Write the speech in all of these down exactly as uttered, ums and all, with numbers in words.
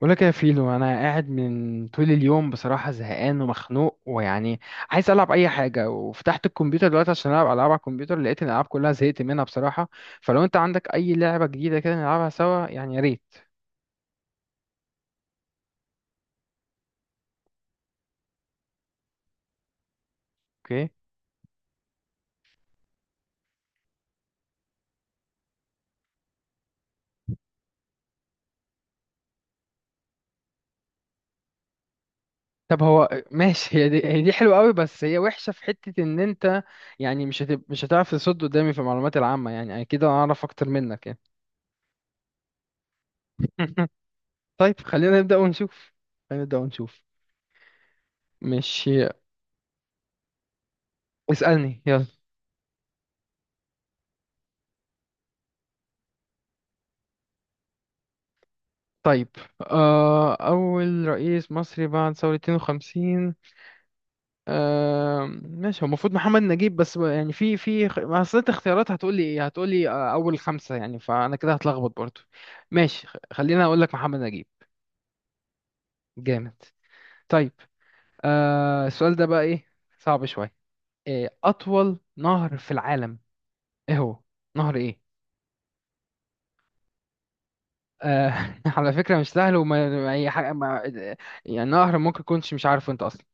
بقول لك يا فيلو، انا قاعد من طول اليوم، بصراحه زهقان ومخنوق، ويعني عايز العب اي حاجه. وفتحت الكمبيوتر دلوقتي عشان العب العاب على الكمبيوتر، لقيت ان الالعاب كلها زهقت منها بصراحه. فلو انت عندك اي لعبه جديده كده نلعبها سوا، يعني يا ريت. اوكي. طب هو ماشي، هي دي, هي دي حلوه قوي، بس هي وحشه في حته ان انت يعني مش هتب... مش هتعرف تصد قدامي في المعلومات العامه، يعني اكيد انا اعرف اكتر منك يعني. طيب، خلينا نبدا ونشوف. خلينا نبدا ونشوف ماشي، اسالني يلا. طيب، آه، أول رئيس مصري بعد ثورة اتنين وخمسين. آه، ماشي، هو المفروض محمد نجيب، بس ب- يعني في في خ- ما، أصل أنت اختيارات هتقولي إيه، هتقولي آه، أول خمسة، يعني فأنا كده هتلخبط برضو. ماشي، خ- خلينا أقول لك محمد نجيب. جامد. طيب، آه، السؤال ده بقى إيه؟ صعب شوية. إيه أطول نهر في العالم؟ إيه هو؟ نهر إيه؟ آه، على فكرة مش سهل، وما ما- أي حاجة، ما يعني نهر ممكن كنتش مش عارفه أنت أصلا.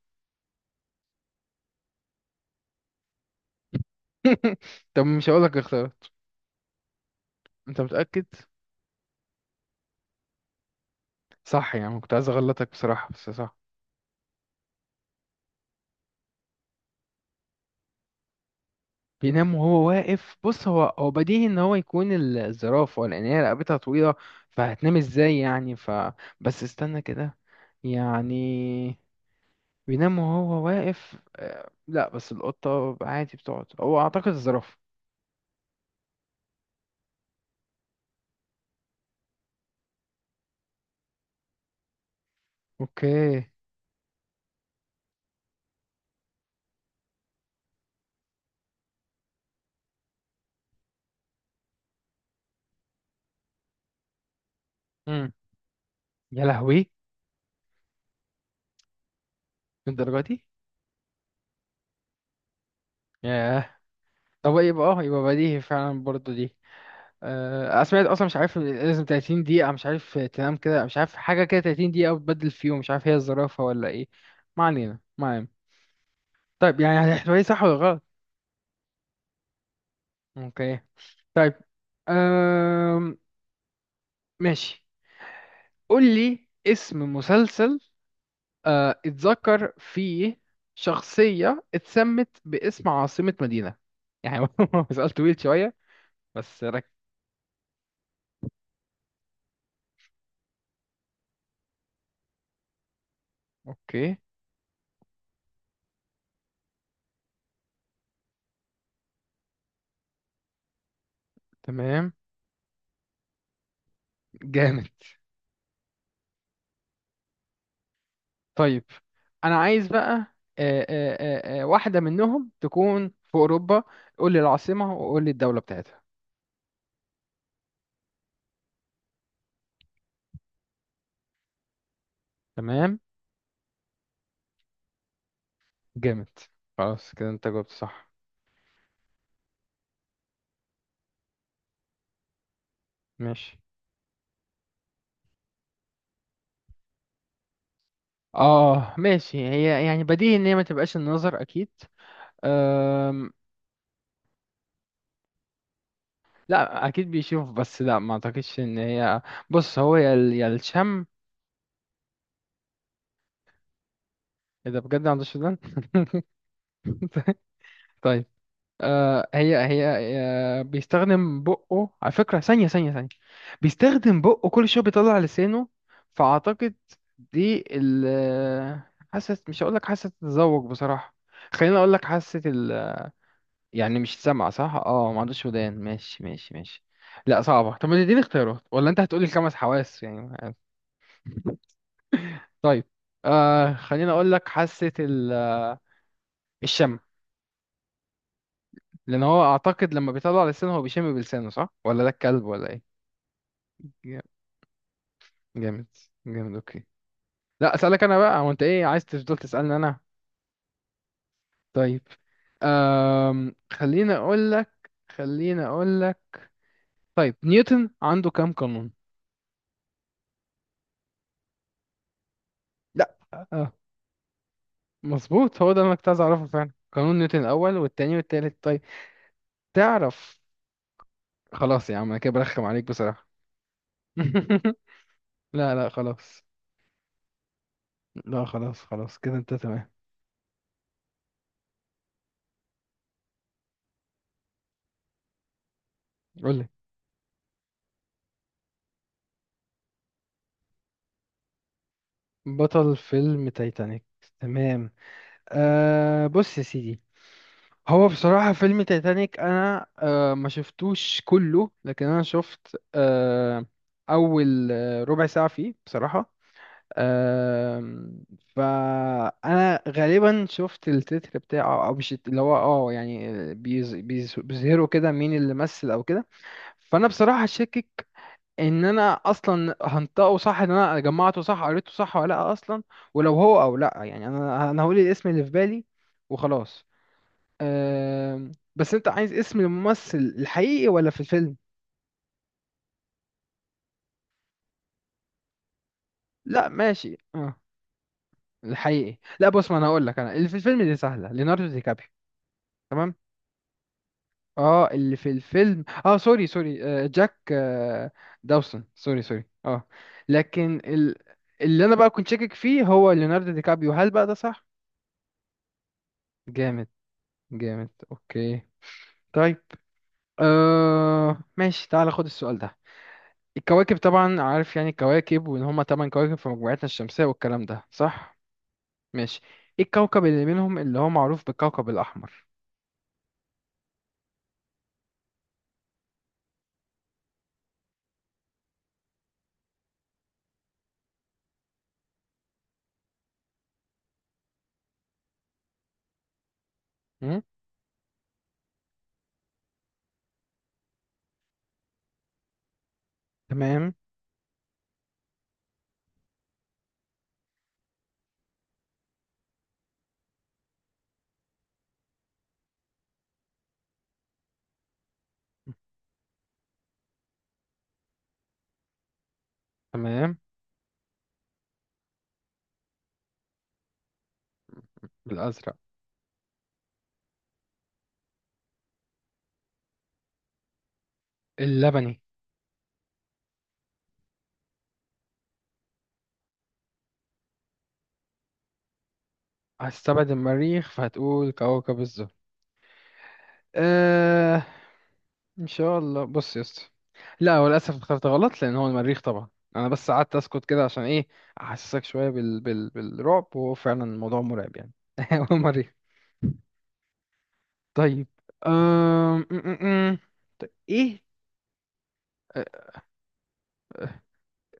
طب مش هقول لك اختيارات. انت متأكد؟ صح، يعني كنت عايز اغلطك بصراحة، بس صح. بينام وهو واقف؟ بص، هو هو بديهي ان هو يكون ال- الزرافة، لان هي رقبتها طويلة. فهتنام ازاي يعني؟ ف بس استنى كده. يعني بينام وهو واقف، آه، لا بس القطة عادي بتقعد، هو اعتقد الزرافة. اوكي. امم. يا لهوي، الدرجة دي. ياه. طب يبقى اه يبقى بديهي فعلا برضو دي. آه، سمعت اصلا مش عارف، لازم ثلاثين دقيقة مش عارف تنام كده، مش عارف حاجة كده ثلاثين دقيقة وتبدل في يوم، مش عارف هي الزرافة ولا ايه. ما علينا ما علينا. طيب، يعني احتمالية صح ولا غلط. اوكي. طيب. أم... ماشي، قول لي اسم مسلسل أه... اتذكر فيه شخصية اتسمت باسم عاصمة مدينة. يعني هو سؤال طويل شوية، بس رك... اوكي تمام. جامد. طيب، انا عايز بقى آه، آه، آه، آه، واحده منهم تكون في اوروبا. قول لي العاصمه وقول لي الدوله بتاعتها. تمام. جامد، خلاص كده انت جاوبت صح. ماشي، اه ماشي، هي يعني بديهي ان هي ما تبقاش النظر اكيد. أم... لا اكيد بيشوف، بس لا، ما اعتقدش ان هي، بص هو يا ال- يا الشم. اذا بجد عند السودان. آه هي هي. آه بيستخدم بقه على فكرة، ثانية ثانية ثانية، بيستخدم بقه كل شوية بيطلع لسانه، فأعتقد دي ال حاسة. مش هقولك حاسة التذوق بصراحة. خليني أقولك حاسة ال آه، يعني، مش سامعة صح؟ اه، ما عندوش ودان. ماشي ماشي ماشي. لا صعبة، طب ما تديني اختيارات ولا أنت هتقولي الخمس حواس يعني؟ طيب، آه خليني أقولك حاسة ال آه، الشم. لأن هو أعتقد لما بيطلع لسانه هو بيشم بلسانه، صح؟ ولا ده الكلب ولا؟ إيه؟ جامد. جامد اوكي. لا، اسالك انا بقى، هو انت ايه عايز تفضل تسالني انا. طيب، أم... خليني اقول لك خليني اقول لك طيب، نيوتن عنده كام قانون؟ لا، اه، مظبوط، هو ده اللي انا كنت عايز اعرفه فعلا. قانون نيوتن الاول والتاني والتالت. طيب تعرف، خلاص يا عم، انا كده برخم عليك بصراحه. لا لا خلاص. لا، خلاص خلاص كده انت تمام. قول لي بطل فيلم تايتانيك. تمام. آه بص يا سيدي، هو بصراحة فيلم تايتانيك أنا آه، ما شفتوش كله، لكن أنا شفت آه، أول آه، ربع ساعة فيه بصراحة. آم، فأنا غالبا شفت التتر بتاعه، أو مش الت- اللي هو اه يعني، آه، بيز- بيز- بيظهروا كده مين اللي مثل أو كده. فأنا بصراحة شاكك إن أنا أصلا هنطقه صح، إن أنا جمعته صح، قريته صح ولا لأ أصلا. ولو هو أو لأ يعني، أنا أنا هقول الاسم اللي في بالي وخلاص. آه بس انت عايز اسم الممثل الحقيقي ولا في الفيلم؟ لا ماشي، اه الحقيقي. لا بص، ما انا هقول لك انا، اللي في الفيلم دي سهله، ليوناردو دي كابريو. تمام. اه، اللي في الفيلم، اه سوري سوري، آه جاك آه داوسون، سوري سوري. اه لكن ال... اللي انا بقى كنت شاكك فيه هو ليوناردو دي كابريو. هل بقى ده صح؟ جامد. جامد اوكي. طيب، آه ماشي، تعال خد السؤال ده. الكواكب طبعا عارف، يعني الكواكب، وان هما تمن كواكب في مجموعتنا الشمسية، والكلام ده صح. ماشي، ايه الكوكب اللي منهم اللي هو معروف بالكوكب الأحمر؟ م؟ تمام. تمام. بالأزرق. اللبني. هستبعد المريخ فهتقول كوكب الزهر. آه ان شاء الله. بص يا اسطى، لا هو للاسف اخترت غلط، لان هو المريخ طبعا. انا بس قعدت اسكت كده عشان ايه؟ احسسك شويه بال... بال... بالرعب، وهو فعلا الموضوع مرعب يعني. هو المريخ. طيب. أم... ايه آه،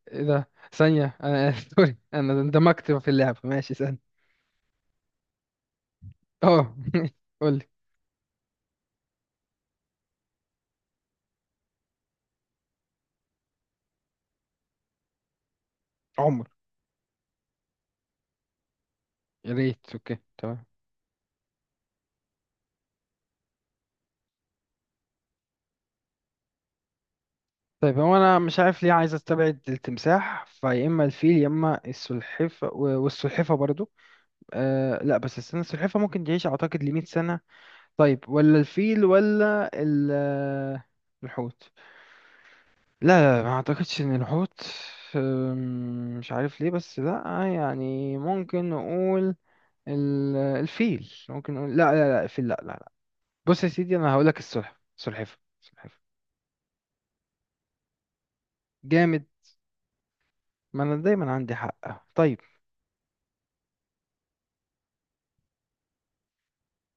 ايه ده، ثانية انا سوري، انا اندمجت في اللعبة، ماشي ثانية. اه. قول لي عمر. يا ريت. اوكي تمام. طيب، هو انا مش عارف ليه عايز استبعد التمساح، فيا اما الفيل يا اما السلحفة، و- والسلحفة برضو. آه لا، بس استنى، السلحفة ممكن تعيش اعتقد ل مية سنة. طيب، ولا الفيل، ولا ال آه، الحوت؟ لا لا، ما اعتقدش ان الحوت. آم، مش عارف ليه، بس لا. يعني ممكن نقول ال- الفيل، ممكن نقول لا لا لا الفيل، لا لا لا. بص يا سيدي، انا هقول لك السلحفة، سلحفة سلحفة. جامد. ما انا دايما عندي حق. طيب،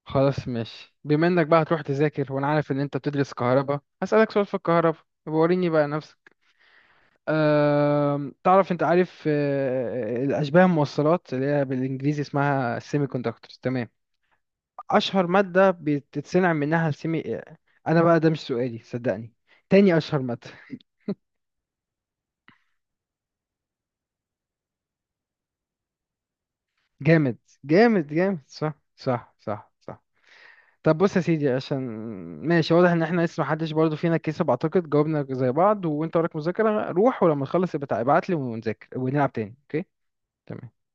خلاص ماشي، بما انك بقى هتروح تذاكر وانا عارف ان انت بتدرس كهرباء، هسألك سؤال في الكهرباء. يبقى وريني بقى نفسك. أم... تعرف انت عارف آه، الاشباه الموصلات اللي هي بالانجليزي اسمها السيمي كوندكتورز؟ تمام. اشهر مادة بتتصنع منها السيمي. انا بقى ده مش سؤالي صدقني، تاني اشهر مادة. جامد. جامد جامد، صح صح صح صح. طب بص يا سيدي عشان ماشي، واضح ان احنا لسه محدش برضه فينا كسب، اعتقد جاوبنا زي بعض، وانت وراك مذاكرة، روح ولما تخلص ابقى ابعت لي ونذاكر ونلعب تاني، اوكي؟ تمام.